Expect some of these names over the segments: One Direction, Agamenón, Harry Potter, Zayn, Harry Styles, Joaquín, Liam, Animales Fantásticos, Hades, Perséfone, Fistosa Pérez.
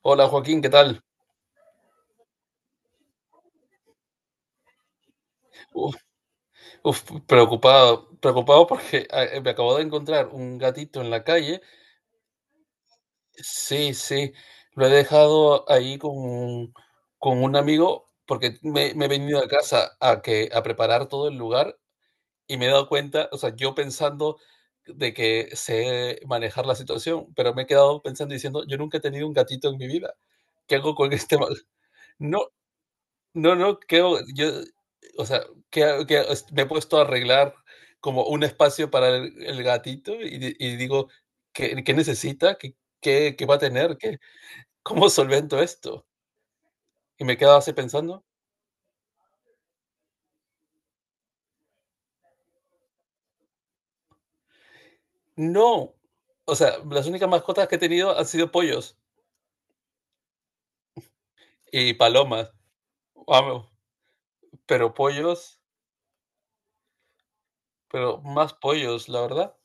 Hola Joaquín, ¿qué tal? Uf, uf, preocupado, preocupado porque me acabo de encontrar un gatito en la calle. Sí, sí, lo he dejado ahí con un amigo porque me he venido a casa a preparar todo el lugar, y me he dado cuenta. O sea, yo pensando de que sé manejar la situación, pero me he quedado pensando y diciendo: yo nunca he tenido un gatito en mi vida. ¿Qué hago con este mal? No, no, no, creo, yo, o sea, que me he puesto a arreglar como un espacio para el gatito, y digo: ¿qué necesita? ¿Qué va a tener? ¿Cómo solvento esto? Y me quedaba así pensando, no. O sea, las únicas mascotas que he tenido han sido pollos y palomas. Vamos, pero pollos, pero más pollos, la verdad.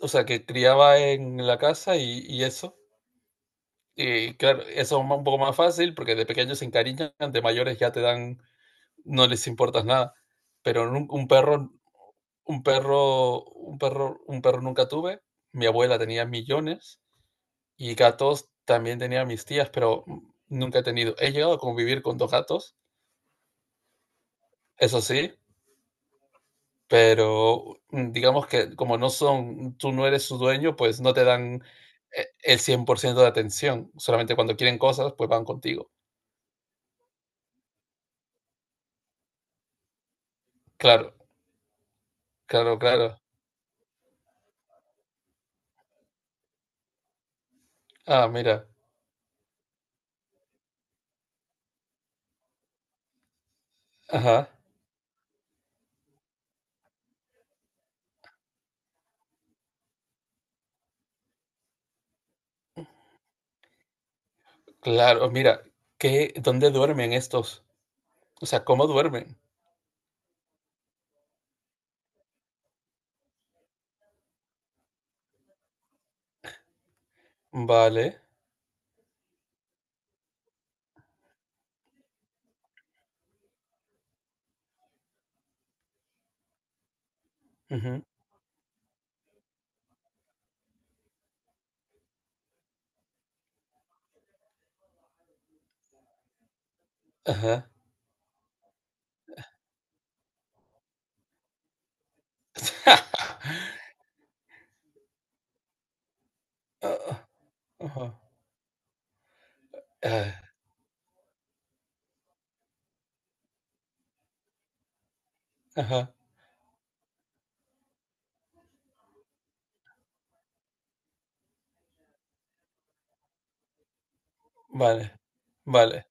O sea, que criaba en la casa y eso. Y claro, eso es un poco más fácil porque de pequeños se encariñan, de mayores ya te dan, no les importas nada. Pero un perro nunca tuve. Mi abuela tenía millones, y gatos también tenía mis tías, pero nunca he tenido. He llegado a convivir con dos gatos, eso sí, pero digamos que como no son, tú no eres su dueño, pues no te dan el 100% de atención. Solamente cuando quieren cosas, pues van contigo. Claro, claro, claro. Ah, mira. Ajá. Claro, mira, ¿dónde duermen estos? O sea, ¿cómo duermen? Vale. Ujú. Ajá. Ah, ajá. Ah, ajá. Vale. Vale.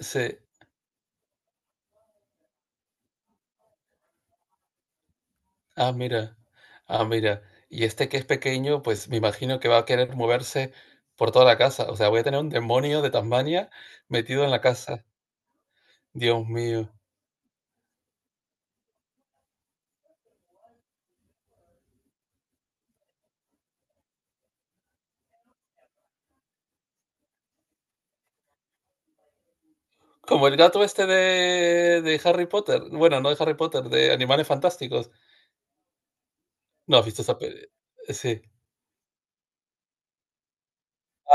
Sí. Ah, mira. Ah, mira. Y este que es pequeño, pues me imagino que va a querer moverse por toda la casa. O sea, voy a tener un demonio de Tasmania metido en la casa. Dios mío. Como el gato este de Harry Potter. Bueno, no de Harry Potter, de Animales Fantásticos. No, Fistosa Pérez. Sí.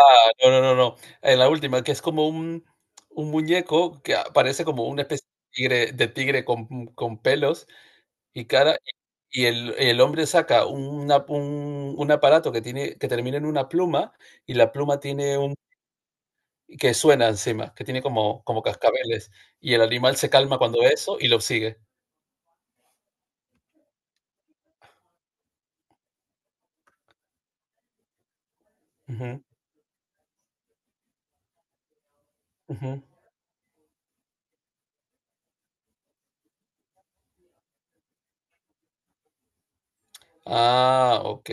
Ah, no, no, no, no. En la última, que es como un muñeco que parece como una especie de tigre con pelos y cara. Y el hombre saca un aparato que termina en una pluma, y la pluma tiene un que suena encima, que tiene como cascabeles. Y el animal se calma cuando ve eso y lo sigue. Ujú, ujú. Ah, ok.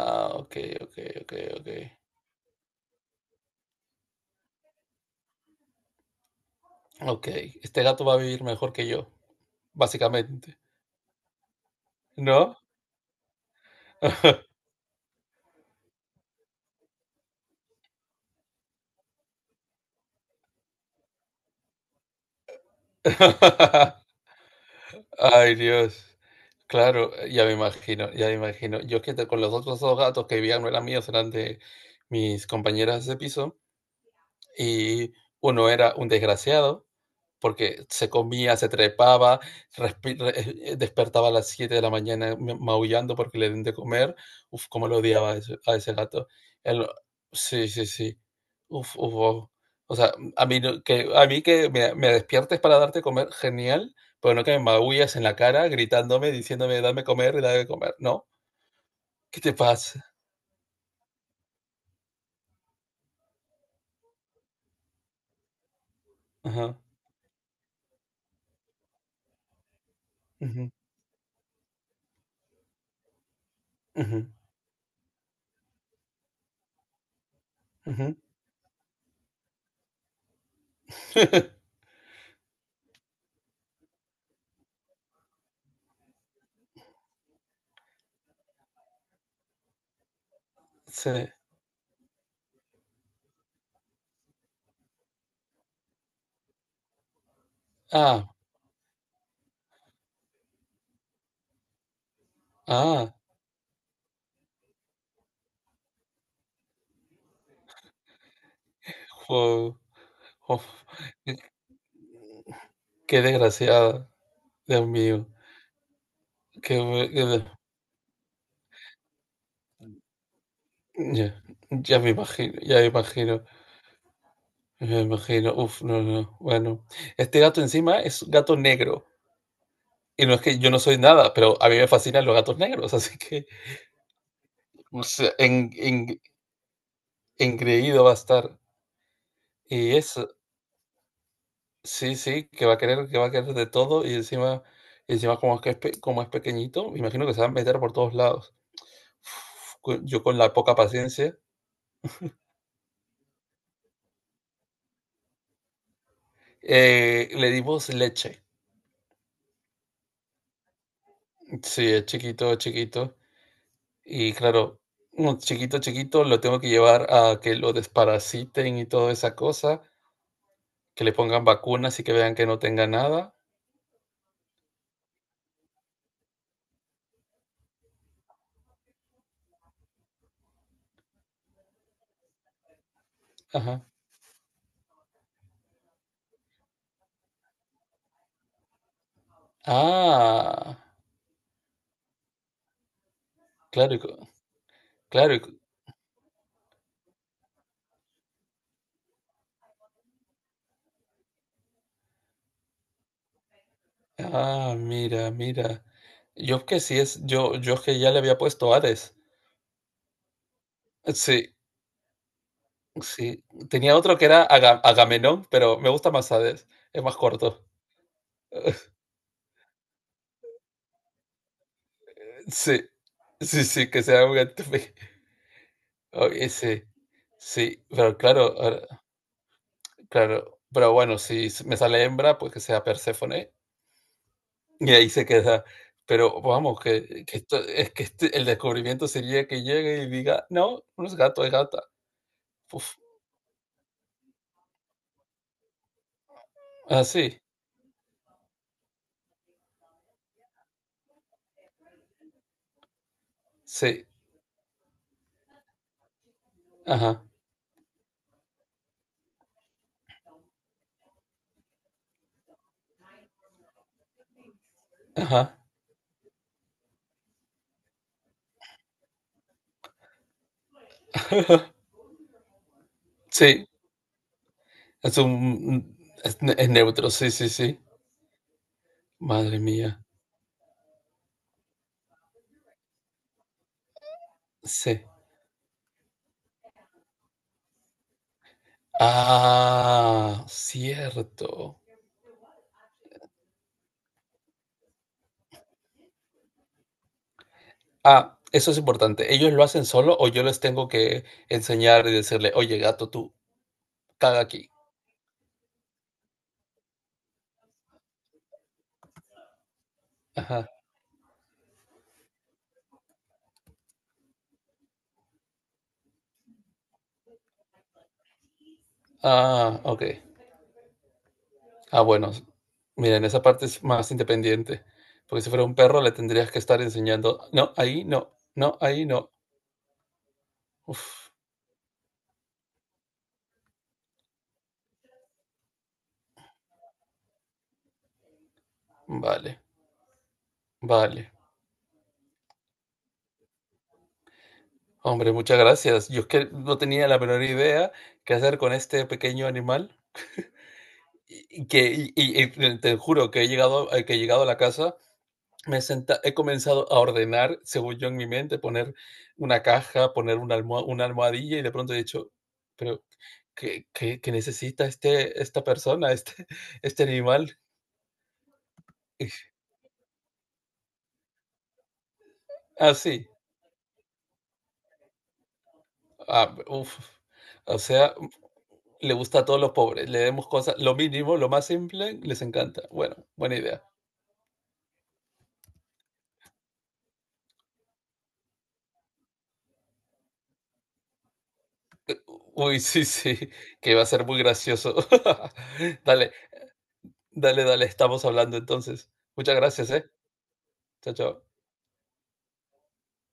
Ah, ok, ok, ok, ok. Ok, este gato va a vivir mejor que yo, básicamente, ¿no? Ay, Dios. Claro, ya me imagino, ya me imagino. Yo es que con los otros dos gatos que vivían no eran míos, eran de mis compañeras de piso, y uno era un desgraciado, porque se comía, se trepaba, despertaba a las 7 de la mañana maullando porque le den de comer. Uf, cómo lo odiaba a ese, gato. El- sí, sí, sí. Uf, uf, uf. O sea, a mí no- que, a mí que me despiertes para darte comer, genial, pero no que me maullas en la cara gritándome, diciéndome: dame comer, dame comer. No, ¿qué te pasa? Ajá. Ujú, ujú, ujú. Sí. Ah, ah. Wow. Uf. Qué desgraciada, Dios mío. Qué bu- qué de- Ya, ya me imagino, ya me imagino, ya me imagino. Uf, no, no. Bueno, este gato encima es un gato negro. Y no es que yo no soy nada, pero a mí me fascinan los gatos negros, así que, o sea, engreído va a estar. Y eso, sí, sí, que va a querer, que va a querer de todo. Y encima, como es pequeñito, me imagino que se va a meter por todos lados. Uf, yo con la poca paciencia, le dimos leche. Sí, es chiquito, es chiquito. Y claro, un chiquito, chiquito, lo tengo que llevar a que lo desparasiten y toda esa cosa, que le pongan vacunas y que vean que no tenga nada. Ajá. Ah, claro, claro. Ah, mira, mira. Yo que sí es, yo que ya le había puesto Hades. Sí, sí. Tenía otro que era Agamenón, pero me gusta más Hades. Es más corto. Sí, sí, sí, que sea un... Oye, sí, sí, pero claro, claro, pero bueno, si s- me sale hembra, pues que sea Perséfone y ahí se queda. Pero vamos, que esto, es que el descubrimiento sería que llegue y diga: no, no es gato, es gata. Uf, así, sí, sí, ajá, ajá. Sí, es un es, ne- es neutro, sí, sí, sí. Madre mía, sí. Ah, cierto. Ah, eso es importante. ¿Ellos lo hacen solo, o yo les tengo que enseñar y decirle: oye, gato, tú caga aquí? Ajá. Ah, ok. Ah, bueno. Miren, esa parte es más independiente. Porque si fuera un perro, le tendrías que estar enseñando: no, ahí no, no, ahí no. Uf, vale, vale. Hombre, muchas gracias. Yo es que no tenía la menor idea qué hacer con este pequeño animal. Y te juro que he llegado a la casa. Me he, senta he comenzado a ordenar, según yo en mi mente, poner una caja, poner una almohadilla, y de pronto he dicho: "Pero, ¿qué necesita esta persona, este este animal?". Ah, sí. Ah, uf. O sea, le gusta a todos los pobres, le demos cosas lo mínimo, lo más simple, les encanta. Bueno, buena idea. Uy, sí, sí, que va a ser muy gracioso. Dale, dale, dale, estamos hablando entonces. Muchas gracias, ¿eh? Chao, chao.